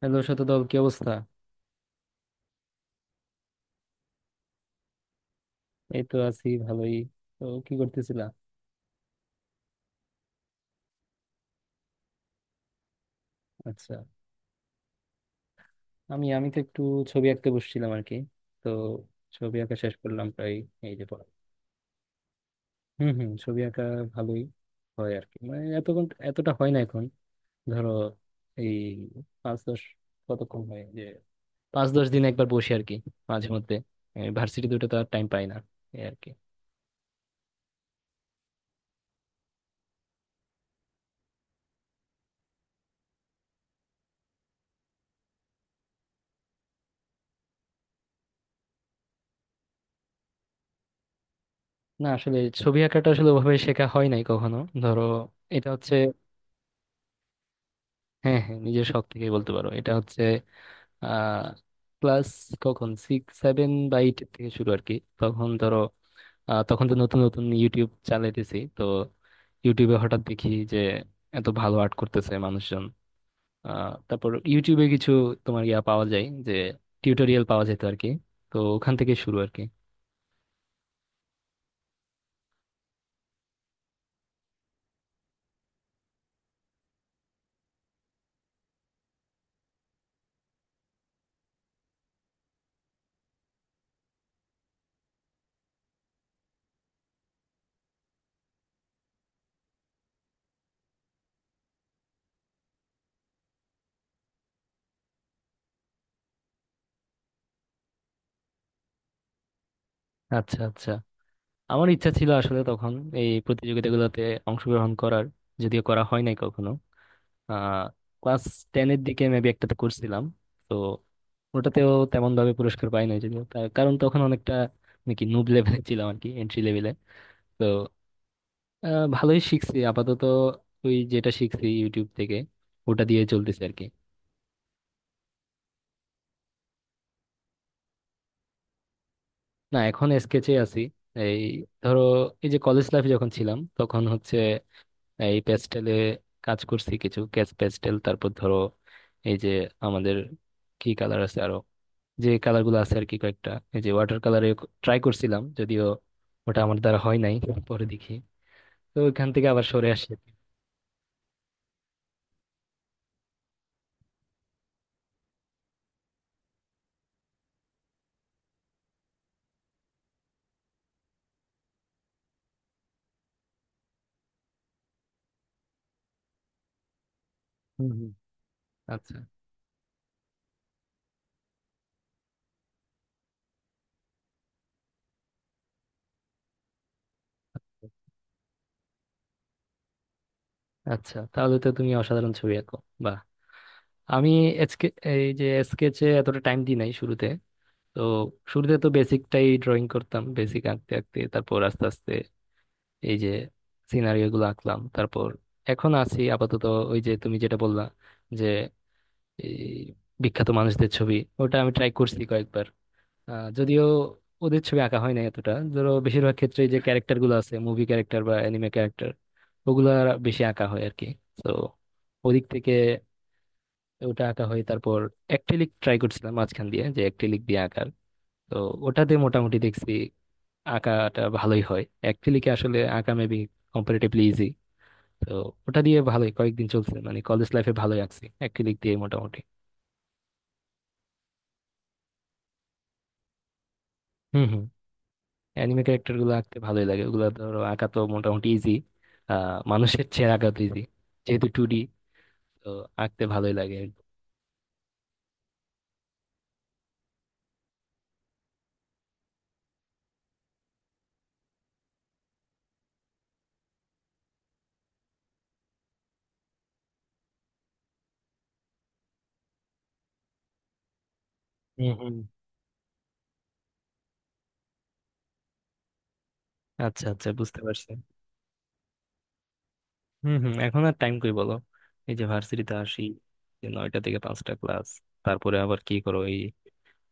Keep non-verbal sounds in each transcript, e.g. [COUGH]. Hello, Shatadal, কি অবস্থা? এই তো আছি ভালোই। তো কি করতেছিলা? আচ্ছা। আমি আমি তো একটু ছবি আঁকতে বসছিলাম আর কি। তো ছবি আঁকা শেষ করলাম প্রায়। এই যে পড়া। হুম, হুম, ছবি আঁকা ভালোই হয় আর কি, মানে এতক্ষণ এতটা হয় না এখন। ধরো, এই পাঁচ দশ, কতক্ষণ হয় যে, 5-10 দিন একবার বসি আর কি, মাঝে মধ্যে। ভার্সিটি দুটো তো আর টাইম পাই না। এই আর কি। না, আসলে ছবি আঁকাটা আসলে ওভাবে শেখা হয় নাই কখনো। ধরো, এটা হচ্ছে, হ্যাঁ, হ্যাঁ, নিজের শখ থেকেই বলতে পারো, এটা হচ্ছে আহ ক্লাস কখন সিক্স সেভেন বা এইট থেকে শুরু আর কি। তখন ধরো, তখন তো নতুন নতুন ইউটিউব চালাইতেছি তো, ইউটিউবে হঠাৎ দেখি যে এত ভালো আর্ট করতেছে মানুষজন। তারপর ইউটিউবে কিছু তোমার ইয়া পাওয়া যায় যে, টিউটোরিয়াল পাওয়া যেত আর কি। তো ওখান থেকে শুরু আর কি। আচ্ছা, আচ্ছা, আমার ইচ্ছা ছিল আসলে তখন এই প্রতিযোগিতাগুলোতে অংশগ্রহণ করার, যদিও করা হয় নাই কখনো। আহ ক্লাস টেনের দিকে মেবি একটাতে করছিলাম। তো ওটাতেও তেমন ভাবে পুরস্কার পাই নাই, যদিও তার কারণ তখন অনেকটা নাকি নুব লেভেলে ছিলাম আর কি, এন্ট্রি লেভেলে। তো ভালোই শিখছি আপাতত। ওই যেটা শিখছি ইউটিউব থেকে, ওটা দিয়ে চলতেছে আর কি। না, এখন স্কেচে আছি। এই ধরো, এই যে কলেজ লাইফে যখন ছিলাম তখন হচ্ছে এই প্যাস্টেলে কাজ করছি, কিছু ক্যাচ প্যাস্টেল, তারপর ধরো এই যে আমাদের কি কালার আছে আরো, যে কালার গুলো আছে আর কি কয়েকটা, এই যে ওয়াটার কালারে ট্রাই করছিলাম, যদিও ওটা আমার দ্বারা হয় নাই, পরে দেখি। তো ওইখান থেকে আবার সরে আসি আর কি। হুম, হুম। আচ্ছা, আচ্ছা, তাহলে তো তুমি অসাধারণ ছবি আঁকো। বাহ। আমি এসকে এই যে স্কেচে এতটা টাইম দিই নাই শুরুতে। তো শুরুতে তো বেসিকটাই ড্রয়িং করতাম, বেসিক আঁকতে আঁকতে তারপর আস্তে আস্তে এই যে সিনারিও গুলো আঁকলাম, তারপর এখন আছি আপাতত। ওই যে তুমি যেটা বললা, যে এই বিখ্যাত মানুষদের ছবি, ওটা আমি ট্রাই করছি কয়েকবার। যদিও ওদের ছবি আঁকা হয় না এতটা, ধরো বেশিরভাগ ক্ষেত্রে যে ক্যারেক্টার গুলো আছে, মুভি ক্যারেক্টার বা অ্যানিমে ক্যারেক্টার, ওগুলা বেশি আঁকা হয় আর কি। তো ওদিক থেকে ওটা আঁকা হয়, তারপর অ্যাক্রিলিক ট্রাই করছিলাম মাঝখান দিয়ে, যে অ্যাক্রিলিক দিয়ে আঁকার। তো ওটাতে মোটামুটি দেখছি আঁকাটা ভালোই হয় অ্যাক্রিলিকে, আসলে আঁকা মেবি কম্পারেটিভলি ইজি। তো ওটা দিয়ে ভালোই কয়েকদিন চলছে, মানে কলেজ লাইফে ভালোই আঁকছি অ্যাক্রিলিক দিয়ে মোটামুটি। হম। অ্যানিমে ক্যারেক্টার গুলো আঁকতে ভালোই লাগে, ওগুলো ধরো আঁকা তো মোটামুটি ইজি। আহ মানুষের চেয়ে আঁকা তো ইজি, যেহেতু টু ডি। তো আঁকতে ভালোই লাগে আর কি। হুম, হুম। আচ্ছা, আচ্ছা, বুঝতে পারছি। হুম, হুম, এখন আর টাইম কই বলো। এই যে ভার্সিটিতে আসি, যে নয়টা থেকে পাঁচটা ক্লাস, তারপরে আবার কি করো, এই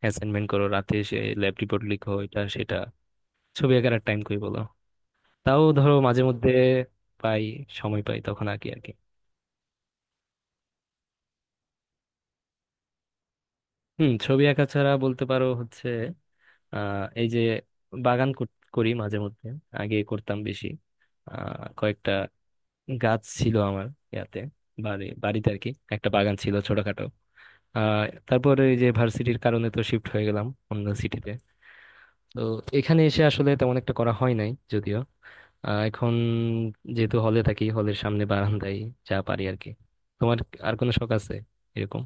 অ্যাসাইনমেন্ট করো, রাতে এসে ল্যাব রিপোর্ট লিখো, এটা সেটা। ছবি আঁকার আর টাইম কই বলো। তাও ধরো মাঝে মধ্যে পাই সময় পাই তখন আঁকি আর কি। হুম, ছবি আঁকা ছাড়া বলতে পারো হচ্ছে এই যে বাগান করি মাঝে মধ্যে, আগে করতাম বেশি। কয়েকটা গাছ ছিল আমার ইয়াতে, বাড়িতে আর কি, একটা বাগান ছিল ছোটখাটো। আহ তারপরে এই যে ভার্সিটির কারণে তো শিফট হয়ে গেলাম অন্য সিটিতে। তো এখানে এসে আসলে তেমন একটা করা হয় নাই যদিও। এখন যেহেতু হলে থাকি, হলের সামনে বারান্দায় যা পারি আর কি। তোমার আর কোনো শখ আছে এরকম?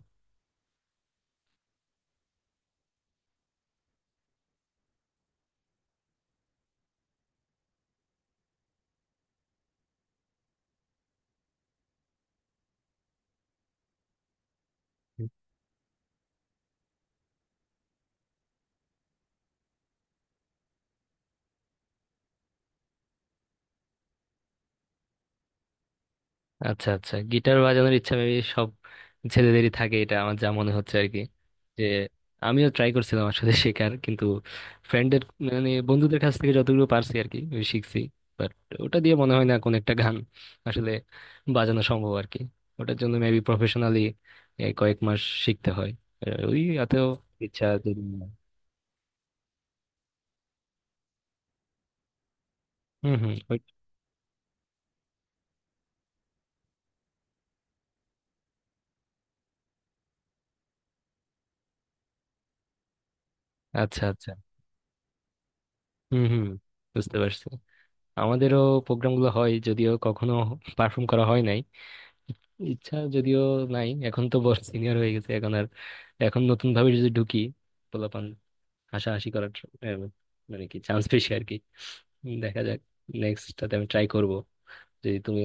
আচ্ছা, আচ্ছা, গিটার বাজানোর ইচ্ছা মেবি সব ছেলেদেরই থাকে, এটা আমার যা মনে হচ্ছে আর কি। যে আমিও ট্রাই করছিলাম আসলে শেখার, কিন্তু ফ্রেন্ডের, মানে বন্ধুদের কাছ থেকে যতটুকু পারছি আর কি ওই শিখছি। বাট ওটা দিয়ে মনে হয় না কোন একটা গান আসলে বাজানো সম্ভব আর কি। ওটার জন্য মেবি প্রফেশনালি কয়েক মাস শিখতে হয়। ওই এতেও ইচ্ছা যদি হুম, হুম, আচ্ছা, আচ্ছা। হুম, হুম, বুঝতে পারছি। আমাদেরও প্রোগ্রামগুলো হয় যদিও, কখনো পারফর্ম করা হয় নাই। ইচ্ছা যদিও নাই, এখন তো বড় সিনিয়র হয়ে গেছে, এখন আর এখন নতুন ভাবে যদি ঢুকি, পোলাপান হাসাহাসি করার আহ, মানে কি চান্স পেয়েছি আর কি। দেখা যাক, নেক্সটটাতে আমি ট্রাই করব যদি তুমি।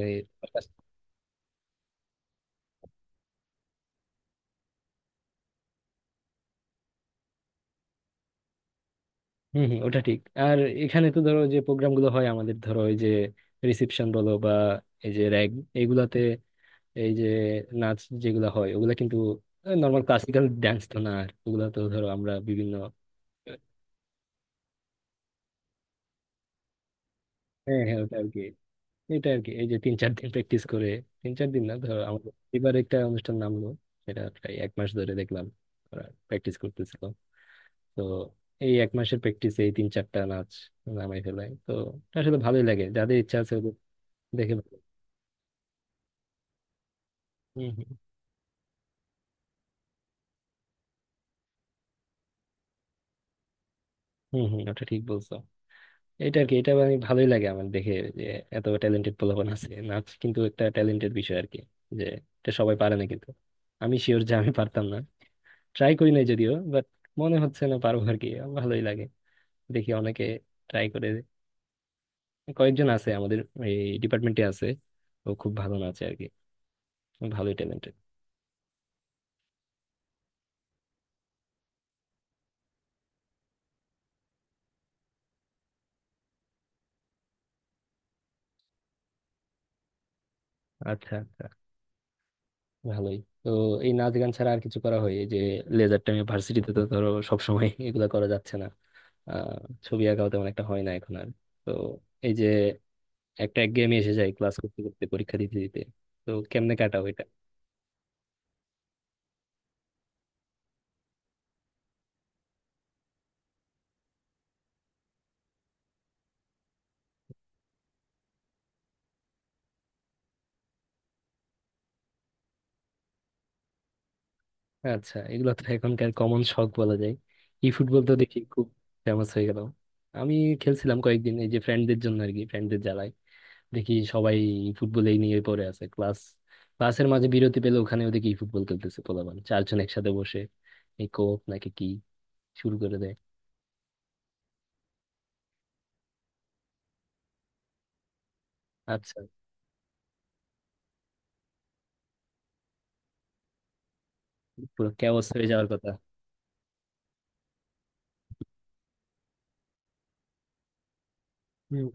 হম, হম, ওটা ঠিক। আর এখানে তো ধরো যে প্রোগ্রাম গুলো হয় আমাদের, ধরো এই যে রিসেপশন বলো বা এই যে র্যাগ এগুলাতে এই যে নাচ যেগুলো হয়, ওগুলা কিন্তু নর্মাল ক্লাসিক্যাল ডান্স তো না, আর ওগুলা তো ধরো আমরা বিভিন্ন হ্যাঁ, হ্যাঁ, ওটা আর কি। এটা আর কি, এই যে তিন চার দিন প্র্যাকটিস করে, তিন চার দিন না, ধরো আমাদের এবার একটা অনুষ্ঠান নামলো, সেটা প্রায় 1 মাস ধরে দেখলাম ওরা প্র্যাকটিস করতেছিল। তো এই 1 মাসের প্র্যাকটিসে এই তিন চারটা নাচ নামাই ফেলায় তো। এটা আসলে ভালোই লাগে, যাদের ইচ্ছা আছে ওদের দেখে ভালো। হম, হম। হম, হম, ওটা ঠিক বলছো। এটা আর কি, এটা আমি ভালোই লাগে আমার দেখে, যে এত ট্যালেন্টেড পোলাপান আছে, নাচ কিন্তু একটা ট্যালেন্টেড বিষয় আর কি। যে এটা সবাই পারে না, কিন্তু আমি শিওর যে আমি পারতাম না। ট্রাই করি নাই যদিও, বাট মনে হচ্ছে না পারবো আর কি। ভালোই লাগে, দেখি অনেকে ট্রাই করে। কয়েকজন আছে আমাদের এই ডিপার্টমেন্টে আছে, ও খুব ভালো নাচে আর কি। ভালোই ট্যালেন্টেড। আচ্ছা, আচ্ছা। ভালোই তো। এই নাচ গান ছাড়া আর কিছু করা হয়, এই যে লেজার টাইমে ভার্সিটিতে তো ধরো সবসময় [LAUGHS] এগুলা করা যাচ্ছে না। আহ ছবি আঁকাও তেমন একটা হয় না এখন আর। তো এই যে একটা একঘেয়েমি এসে যায়, ক্লাস করতে করতে, পরীক্ষা দিতে দিতে। তো কেমনে কাটাও? আচ্ছা, এগুলো তো এখনকার কমন শখ বলা যায়। ই ফুটবল তো দেখি খুব ফেমাস হয়ে গেল। আমি খেলছিলাম কয়েকদিন, এই যে ফ্রেন্ডদের জন্য আর কি, ফ্রেন্ডদের জ্বালায়। দেখি সবাই ই ফুটবলেই নিয়ে পড়ে আছে, ক্লাস ক্লাসের মাঝে বিরতি পেলে ওখানে ওদিকে ই ফুটবল খেলতেছে পোলাপান, চারজন একসাথে বসে এই কোপ নাকি কি শুরু করে দেয়। আচ্ছা। পুরো ক্যাওস হয়ে যাওয়ার কথা। হুম,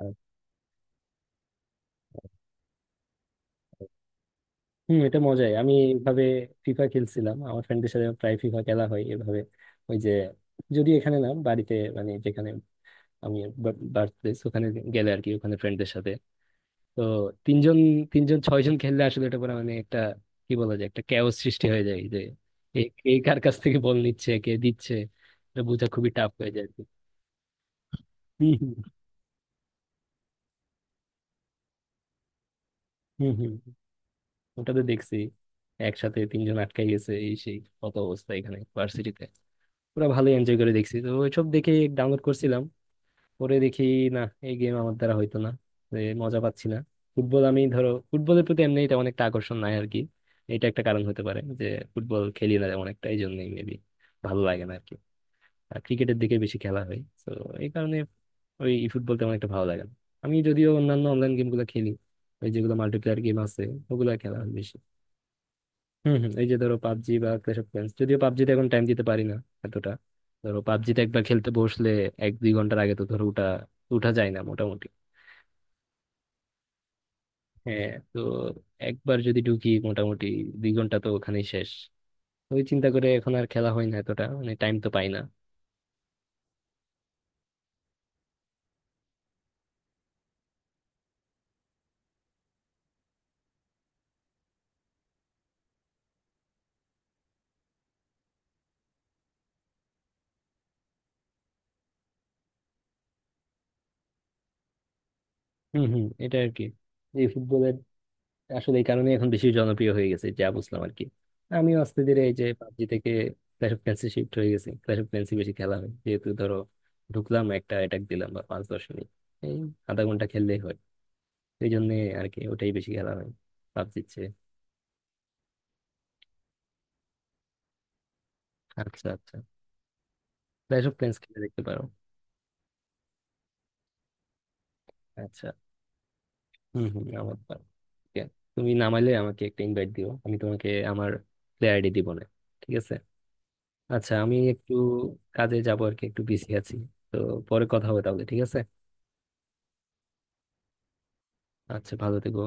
আর- হুম, এটা মজাই। আমি এইভাবে ফিফা খেলছিলাম, আমার ফ্রেন্ডদের সাথে প্রায় ফিফা খেলা হয় এভাবে। ওই যে, যদি এখানে না, বাড়িতে, মানে যেখানে আমি বার্থপ্লেস ওখানে গেলে আর কি, ওখানে ফ্রেন্ডদের সাথে। তো তিনজন তিনজন ছয়জন খেললে আসলে এটা পরে মানে একটা, কি বলা যায়, একটা ক্যাওস সৃষ্টি হয়ে যায় যে এ, কে কার কাছ থেকে বল নিচ্ছে, কে দিচ্ছে, এটা বোঝা খুবই টাফ হয়ে যায় আর কি। হম, হম, হম, হম। ওটা তো দেখছি একসাথে তিনজন আটকাই গেছে, এই সেই কত অবস্থা এখানে ভার্সিটিতে। পুরো ভালোই এনজয় করে দেখছি তো, ওইসব দেখে ডাউনলোড করছিলাম, পরে দেখি না, এই গেম আমার দ্বারা হইতো না। মজা পাচ্ছি না। ফুটবল, আমি ধরো ফুটবলের প্রতি এমনি এটা অনেকটা আকর্ষণ নাই আর কি। এটা একটা কারণ হতে পারে যে ফুটবল খেলি না তেমন একটা, এই জন্যই মেবি ভালো লাগে না আর কি। আর ক্রিকেটের দিকে বেশি খেলা হয় তো, এই কারণে ওই ফুটবল তেমন একটা ভালো লাগে না। আমি যদিও অন্যান্য অনলাইন গেমগুলো খেলি, ওই যেগুলো মাল্টিপ্লেয়ার গেম আছে, ওগুলো খেলা হয় বেশি। হম, হম, এই যে ধরো পাবজি বা ক্ল্যাশ অফ ক্ল্যান্স, যদিও পাবজিতে এখন টাইম দিতে পারি না এতটা। ধরো পাবজিতে একবার খেলতে বসলে 1-2 ঘন্টার আগে তো ধরো উঠা উঠা যায় না মোটামুটি। হ্যাঁ, তো একবার যদি ঢুকি মোটামুটি 2 ঘন্টা তো ওখানেই শেষ। ওই চিন্তা করে এখন আর খেলা হয় না এতটা, মানে টাইম তো পাই না। হম, হম, এটা আর কি। এই ফুটবলের আসলে এই কারণে এখন বেশি জনপ্রিয় হয়ে গেছে যা বুঝলাম আর কি। আমিও আস্তে ধীরে এই যে পাবজি থেকে ক্ল্যাশ অফ ক্ল্যান্সে শিফট হয়ে গেছি, ক্ল্যাশ অফ ক্ল্যান্সে বেশি খেলা হয় যেহেতু ধরো ঢুকলাম একটা অ্যাটাক দিলাম বা 5-10 মিনিট, এই আধা ঘন্টা খেললেই হয়। এই জন্য আর কি ওটাই বেশি খেলা হয় পাবজির চেয়ে। আচ্ছা, আচ্ছা। ক্ল্যাশ অফ ক্ল্যান্স খেলে দেখতে পারো। আচ্ছা। হম, হম, আমার পার। ঠিক আছে। তুমি নামাইলে আমাকে একটা ইনভাইট দিও, আমি তোমাকে আমার প্লেয়ার আইডি দিব। না, ঠিক আছে। আচ্ছা, আমি একটু কাজে যাবো আর কি, একটু বিজি আছি। তো পরে কথা হবে তাহলে, ঠিক আছে? আচ্ছা, ভালো থেকো।